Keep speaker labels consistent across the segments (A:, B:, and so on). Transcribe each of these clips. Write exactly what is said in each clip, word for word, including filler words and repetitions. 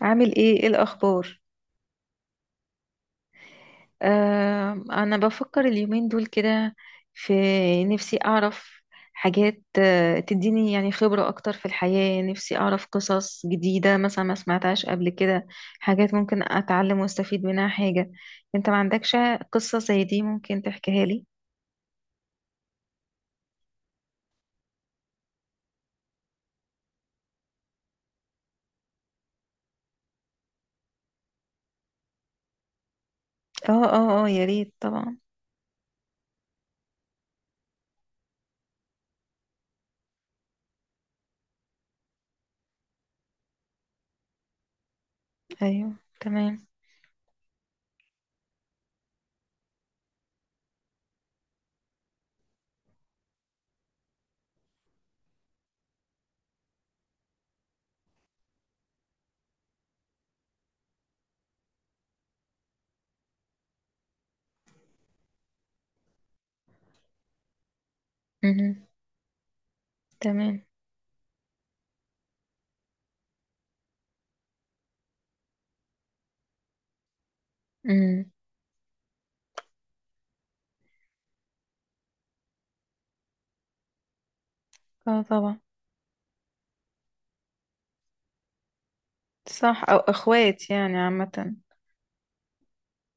A: عامل ايه ايه الاخبار؟ آه انا بفكر اليومين دول كده. في نفسي اعرف حاجات آه تديني يعني خبرة اكتر في الحياة. نفسي اعرف قصص جديدة مثلا ما سمعتهاش قبل كده، حاجات ممكن اتعلم واستفيد منها. حاجة، انت ما عندكش قصة زي دي ممكن تحكيها لي؟ اه اه اه، يا ريت طبعا. ايوه، تمام. مهم. تمام. مهم. اه، طبعا. صح، او اخوات يعني عامة.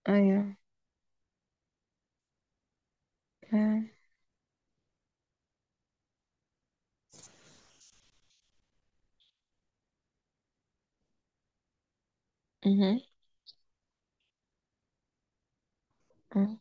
A: ايوه. مهم. مهم.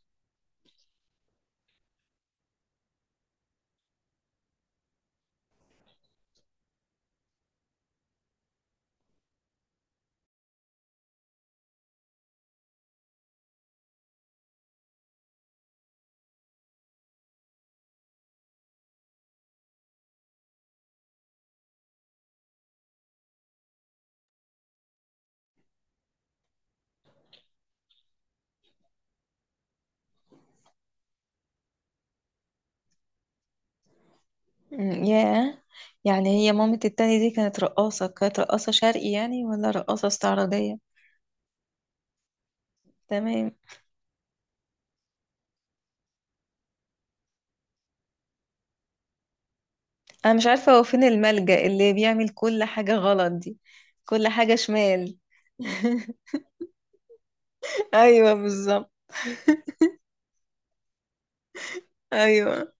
A: أمم، ياه. يعني هي مامة التاني دي كانت رقاصة كانت رقاصة شرقي يعني، ولا رقاصة استعراضية؟ تمام. أنا مش عارفة هو فين الملجأ اللي بيعمل كل حاجة غلط دي، كل حاجة شمال. ايوه، بالظبط. ايوه.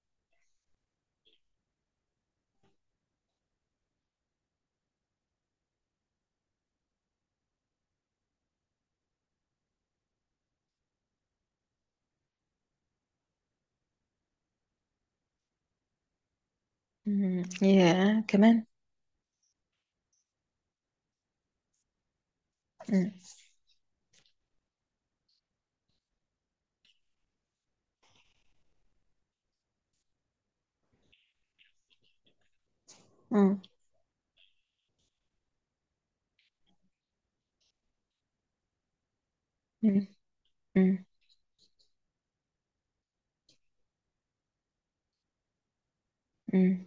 A: أمم، ياه كمان. أمم، مم. أمم، أمم، أمم،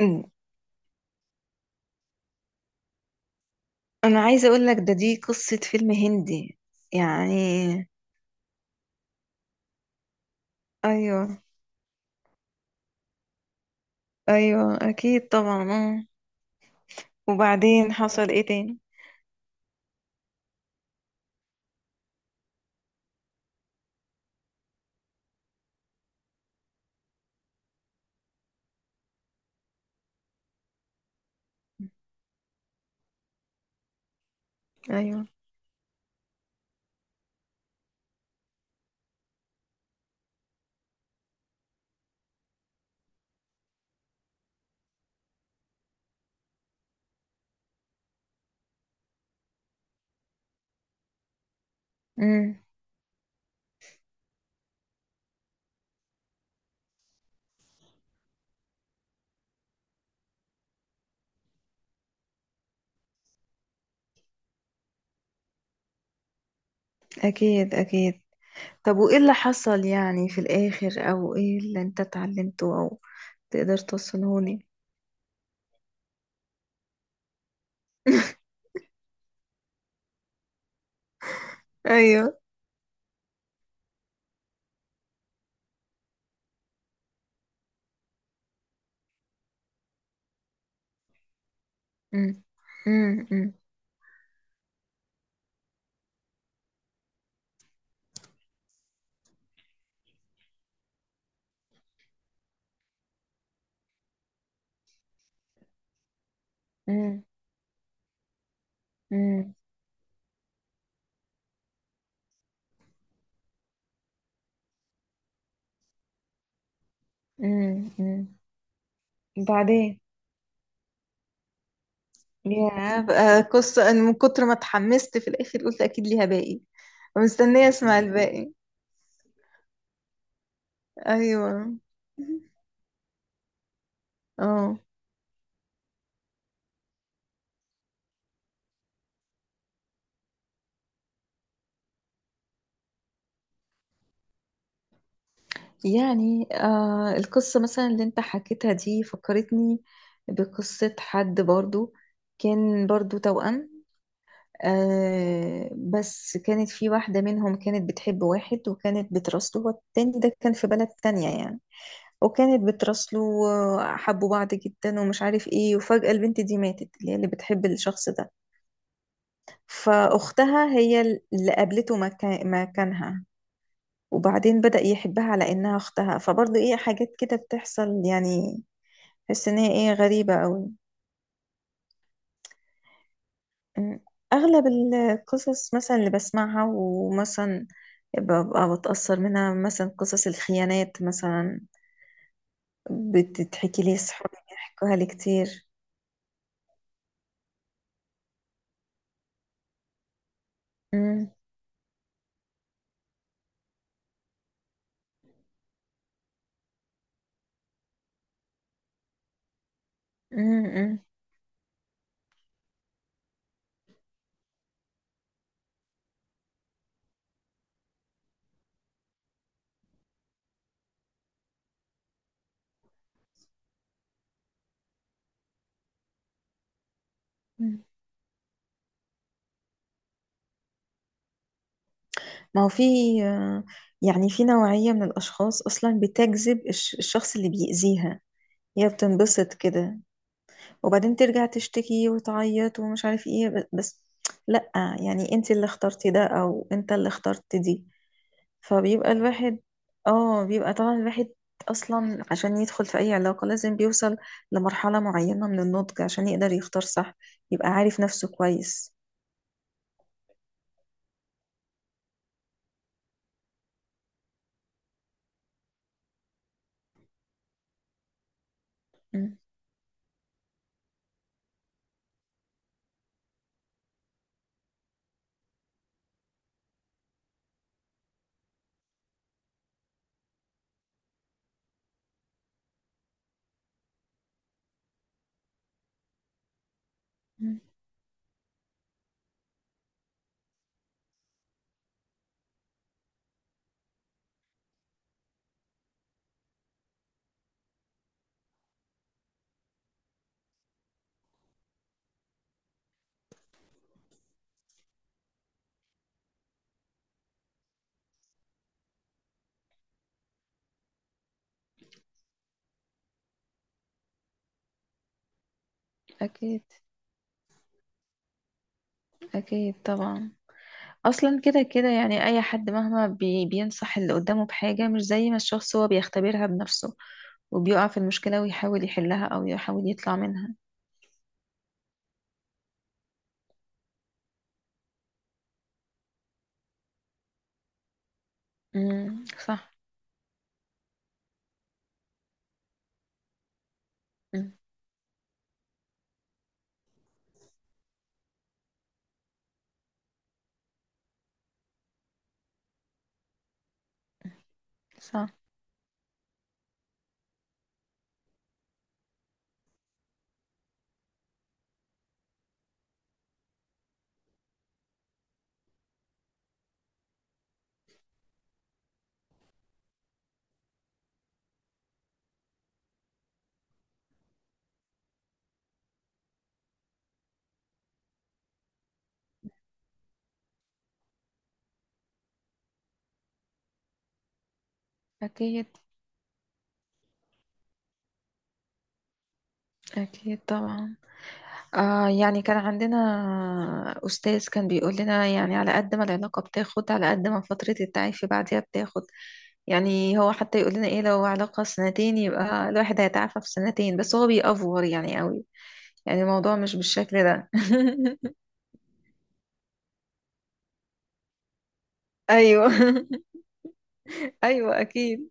A: أمم. أنا عايزة أقول لك ده دي قصة فيلم هندي يعني. ايوه. ايوه اكيد طبعا آه. وبعدين حصل ايه تاني؟ أيوه. أمم. أكيد أكيد. طب وإيه اللي حصل يعني في الآخر، أو إيه اللي أنت اتعلمته، أو تقدر توصلهوني؟ أيوه. أمم، أمم، أمم، أمم، أمم، أمم، أمم. بعدين يا بقى قصة، أنا من كتر ما اتحمست في الآخر قلت أكيد ليها باقي، ومستنية أسمع الباقي. أيوه. اه، يعني آه القصة مثلا اللي انت حكيتها دي فكرتني بقصة حد برضو كان برضو توأم. آه بس كانت في واحدة منهم كانت بتحب واحد، وكانت بتراسله، والتاني ده كان في بلد تانية يعني. وكانت بتراسله وحبوا بعض جدا ومش عارف ايه، وفجأة البنت دي ماتت، اللي هي اللي بتحب الشخص ده. فأختها هي اللي قابلته مكا- مكانها. وبعدين بدأ يحبها على إنها أختها، فبرضه ايه حاجات كده بتحصل يعني. تحس إن هي ايه غريبة أوي. أمم. أغلب القصص مثلا اللي بسمعها، ومثلا ببقى بتأثر منها، مثلا قصص الخيانات مثلا، بتتحكي لي، صحابي بيحكوها لي كتير. أمم، أمم، أمم، أمم. ما هو في آه، يعني في نوعية من الأشخاص أصلا بتجذب الش- الشخص اللي بيأذيها، هي بتنبسط كده، وبعدين ترجع تشتكي وتعيط ومش عارف ايه، ب- بس لأ، يعني انت اللي اخترتي ده، أو انت اللي اخترت دي. فبيبقى الواحد اه بيبقى طبعا الواحد اصلا عشان يدخل في اي علاقة لازم بيوصل لمرحلة معينة من النضج عشان يقدر يختار صح، يبقى عارف نفسه كويس. مم. مم. أكيد أكيد طبعا. أصلا كده كده يعني أي حد مهما بي بينصح اللي قدامه بحاجة مش زي ما الشخص هو بيختبرها بنفسه، وبيقع في المشكلة ويحاول يحلها أو يحاول يطلع منها. مم. صح. مم. صح. أكيد أكيد طبعا. آه يعني كان عندنا أستاذ كان بيقول لنا يعني على قد ما العلاقة بتاخد، على قد ما فترة التعافي بعدها بتاخد. يعني هو حتى يقول لنا إيه، لو علاقة سنتين يبقى الواحد هيتعافى في سنتين، بس هو بيأفور يعني قوي، يعني الموضوع مش بالشكل ده. أيوه. أيوه أكيد.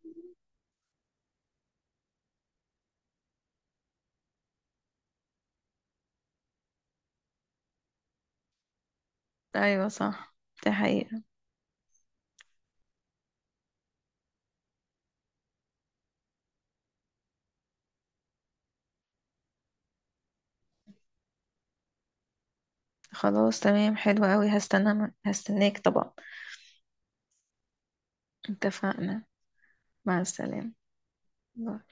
A: أيوه صح، دي حقيقة. خلاص تمام، حلو قوي، هستنى هستناك طبعا. اتفقنا. مع السلامة. باي.